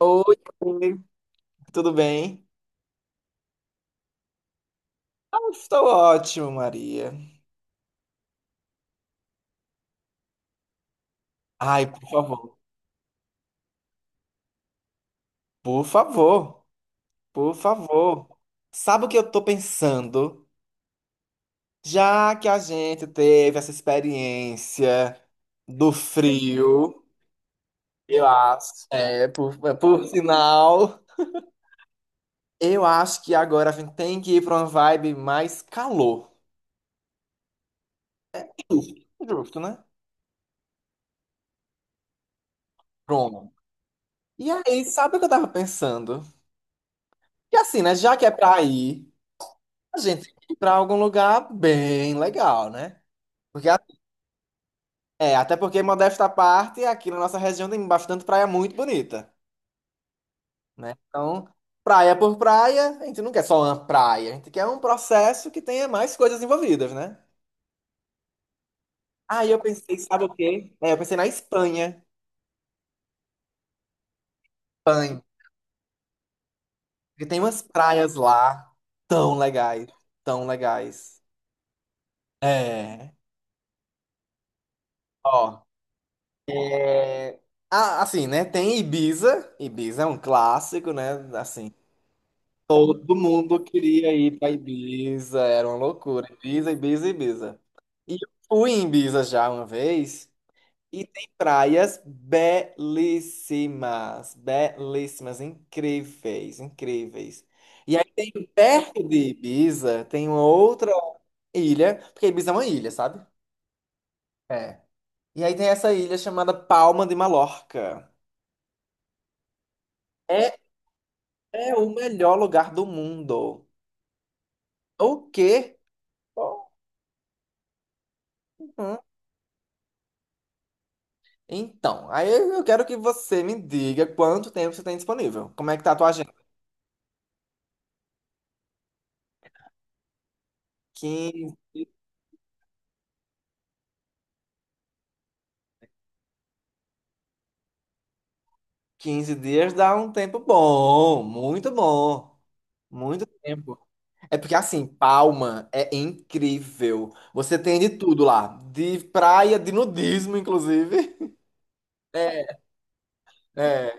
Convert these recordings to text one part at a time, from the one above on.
Oi, oi, tudo bem? Ah, estou ótimo, Maria. Ai, por favor, por favor, por favor. Sabe o que eu tô pensando? Já que a gente teve essa experiência do frio, eu acho, por sinal, eu acho que agora a gente tem que ir pra uma vibe mais calor. Justo, justo, né? Pronto. E aí, sabe o que eu tava pensando? Que assim, né? Já que é pra ir. A gente tem que ir pra algum lugar bem legal, né? Porque, a- é, até porque, modesta parte, aqui na nossa região tem bastante praia muito bonita, né? Então, praia por praia, a gente não quer só uma praia, a gente quer um processo que tenha mais coisas envolvidas, né? Aí eu pensei, sabe o quê? É, eu pensei na Espanha. Espanha. Porque tem umas praias lá tão legais, tão legais. É. Ó, ah, assim, né? Tem Ibiza. Ibiza é um clássico, né? Assim. Todo mundo queria ir pra Ibiza, era uma loucura. Ibiza, Ibiza, Ibiza. E eu fui em Ibiza já uma vez e tem praias belíssimas, belíssimas, incríveis, incríveis. E aí tem perto de Ibiza, tem uma outra ilha, porque Ibiza é uma ilha, sabe? É. E aí tem essa ilha chamada Palma de Mallorca. É, é o melhor lugar do mundo. O quê? Uhum. Então, aí eu quero que você me diga quanto tempo você tem disponível. Como é que tá a tua agenda? Quinze 15 dias dá um tempo bom, muito tempo. É porque assim, Palma é incrível. Você tem de tudo lá, de praia, de nudismo, inclusive. É, é.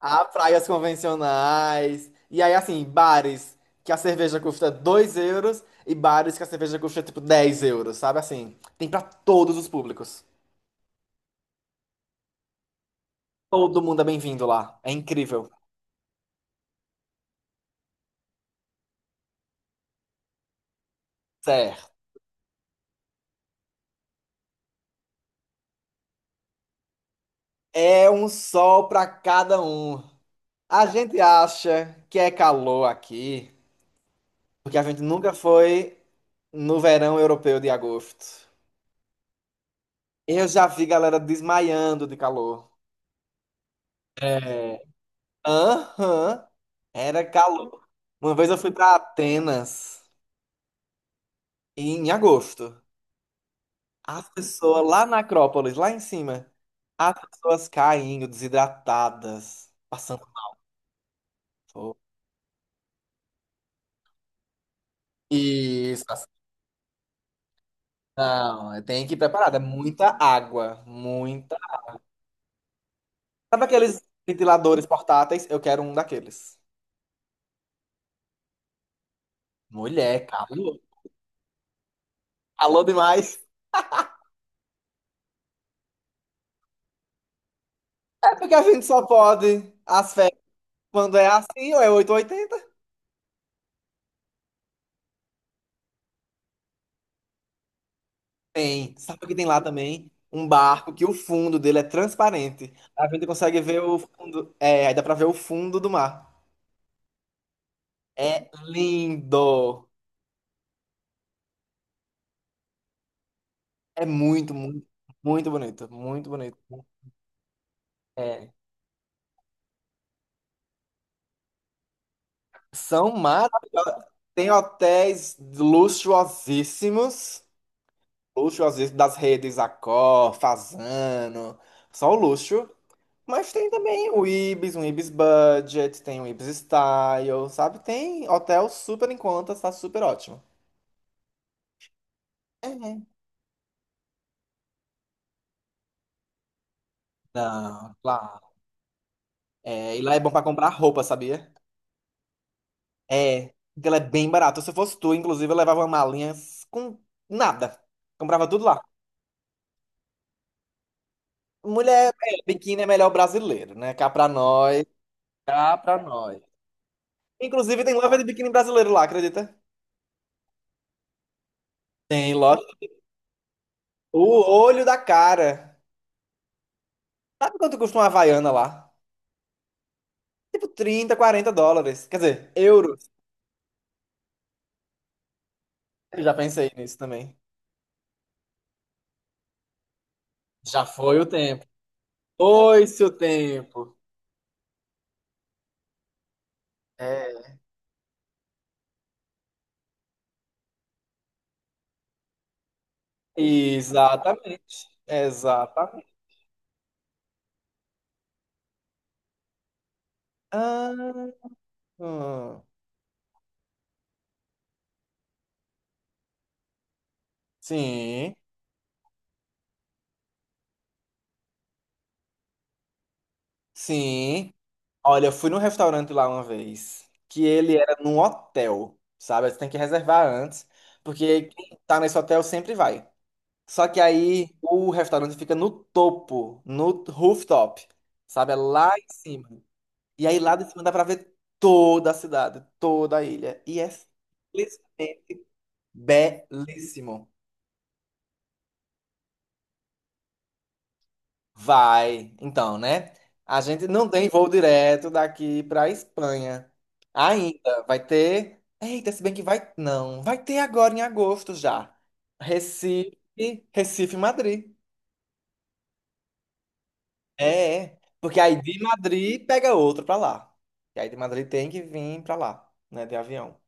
Há praias convencionais. E aí, assim, bares que a cerveja custa 2 euros e bares que a cerveja custa tipo 10 euros, sabe? Assim, tem pra todos os públicos. Todo mundo é bem-vindo lá. É incrível. Certo. É um sol pra cada um. A gente acha que é calor aqui, porque a gente nunca foi no verão europeu de agosto. Eu já vi galera desmaiando de calor. É. Aham. Era calor. Uma vez eu fui pra Atenas em agosto. As pessoas lá na Acrópolis, lá em cima, as pessoas caindo, desidratadas, passando fome. Isso, não, tem que ir preparado. É muita água, muita. Sabe aqueles ventiladores portáteis? Eu quero um daqueles. Mulher, calor. Calor demais. É porque a gente só pode as férias quando é assim, ou é oito ou oitenta. Tem. Sabe o que tem lá também? Um barco que o fundo dele é transparente. A gente consegue ver o fundo. É, aí dá pra ver o fundo do mar. É lindo. É muito, muito, muito bonito. Muito bonito. É. São maravilhosas. Tem hotéis luxuosíssimos, luxuosíssimos das redes Accor, Fasano, só o luxo. Mas tem também o Ibis, um Ibis Budget, tem o Ibis Style, sabe? Tem hotel super em conta, tá super ótimo. É. Não, claro. É, e lá é bom pra comprar roupa, sabia? É, porque ela é bem barata. Se eu fosse tu, inclusive, eu levava uma malinha com nada. Comprava tudo lá. Mulher, é, biquíni é melhor brasileiro, né? Cá pra nós, cá pra nós. Inclusive, tem loja de biquíni brasileiro lá, acredita? Tem loja. O olho da cara. Sabe quanto custa uma Havaiana lá? Tipo trinta quarenta dólares. Quer dizer, euros. Eu já pensei nisso também. Já foi o tempo. Foi-se o tempo. É. Exatamente. Exatamente. Ah, hum. Sim, sim. Olha, eu fui num restaurante lá uma vez, que ele era num hotel, sabe? Você tem que reservar antes, porque quem tá nesse hotel sempre vai. Só que aí o restaurante fica no topo, no rooftop, sabe? É lá em cima. E aí lá de cima dá pra ver toda a cidade, toda a ilha. E é simplesmente belíssimo. Vai, então, né? A gente não tem voo direto daqui para Espanha. Ainda vai ter. Eita, se bem que vai. Não, vai ter agora em agosto já. Recife, Recife, Madrid. É, é, porque aí de Madrid pega outro para lá. E aí de Madrid tem que vir para lá, né, de avião.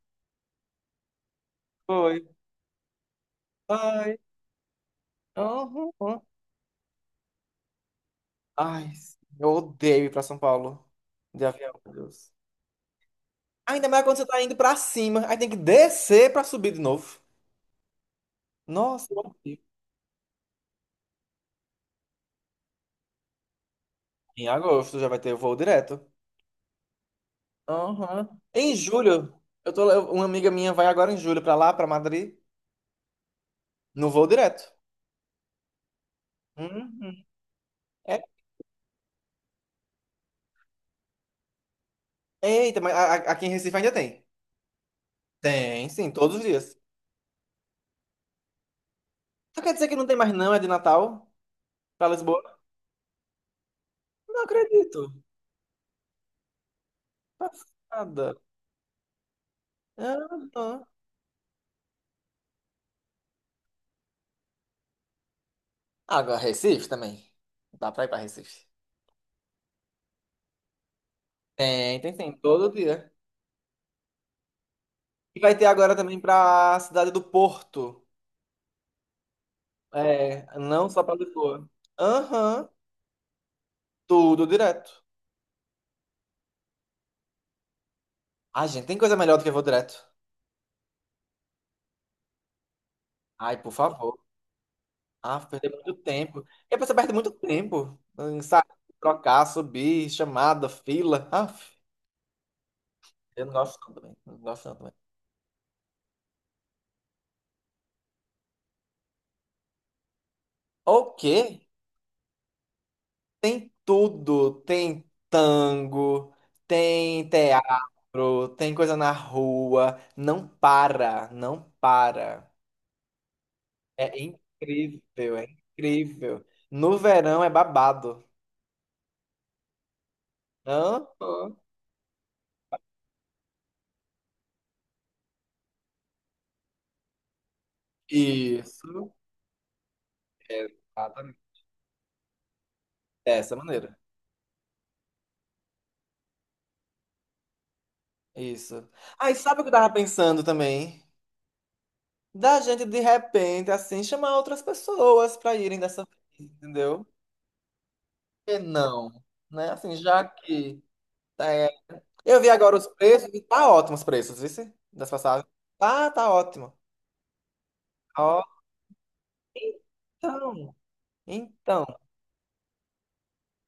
Foi, vai. Uhum, uhum. Ai, eu odeio ir para São Paulo de avião, meu Deus. Ainda mais quando você tá indo pra cima, aí tem que descer pra subir de novo. Nossa, em agosto já vai ter voo direto. Aham. Em julho, eu tô, uma amiga minha vai agora em julho pra lá, pra Madrid, no voo direto. Uhum. É, eita, mas a- aqui em Recife ainda tem. Tem, sim, todos os dias. Tu quer dizer que não tem mais não, é de Natal pra Lisboa? Não acredito. Passada. Aham. Agora, Recife também. Dá pra ir pra Recife. Tem, tem, tem, todo dia. E vai ter agora também pra cidade do Porto. É, não só pra Lisboa. Aham, tudo direto. Ai, gente, tem coisa melhor do que vou direto. Ai, por favor. Ah, perder muito tempo. E a pessoa perde muito tempo. Em, sabe? Trocar, subir, chamada, fila. Ah, eu não gosto não também. Não gosto não também. O quê? Tem tudo. Tem tango, tem teatro, tem coisa na rua. Não para, não para. É incrível, é incrível. No verão é babado. Hã? Hã? Isso. Exatamente. Dessa maneira. Isso. Aí sabe o que eu tava pensando também? Da gente de repente, assim, chamar outras pessoas pra irem dessa vez, entendeu? Por que não? Né? Assim, já que. Tá, é, eu vi agora os preços e tá ótimos os preços, viu? Das passagens. Tá, tá ótimo. Ó, então, então.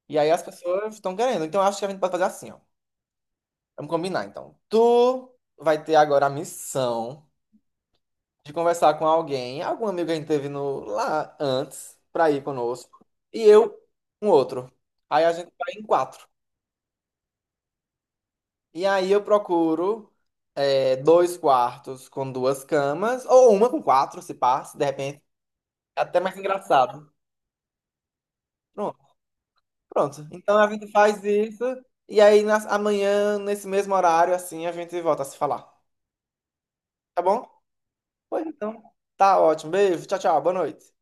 E aí as pessoas estão querendo. Então eu acho que a gente pode fazer assim, ó. Vamos combinar, então. Tu vai ter agora a missão de conversar com alguém, algum amigo que a gente teve no, lá antes, pra ir conosco. E eu, um outro. Aí a gente vai em quatro. E aí eu procuro é, dois quartos com duas camas, ou uma com quatro, se pá, se de repente. É até mais engraçado. Pronto, pronto. Então a gente faz isso, e aí nas- amanhã, nesse mesmo horário, assim, a gente volta a se falar. Tá bom? Pois então. Tá ótimo. Beijo. Tchau, tchau. Boa noite.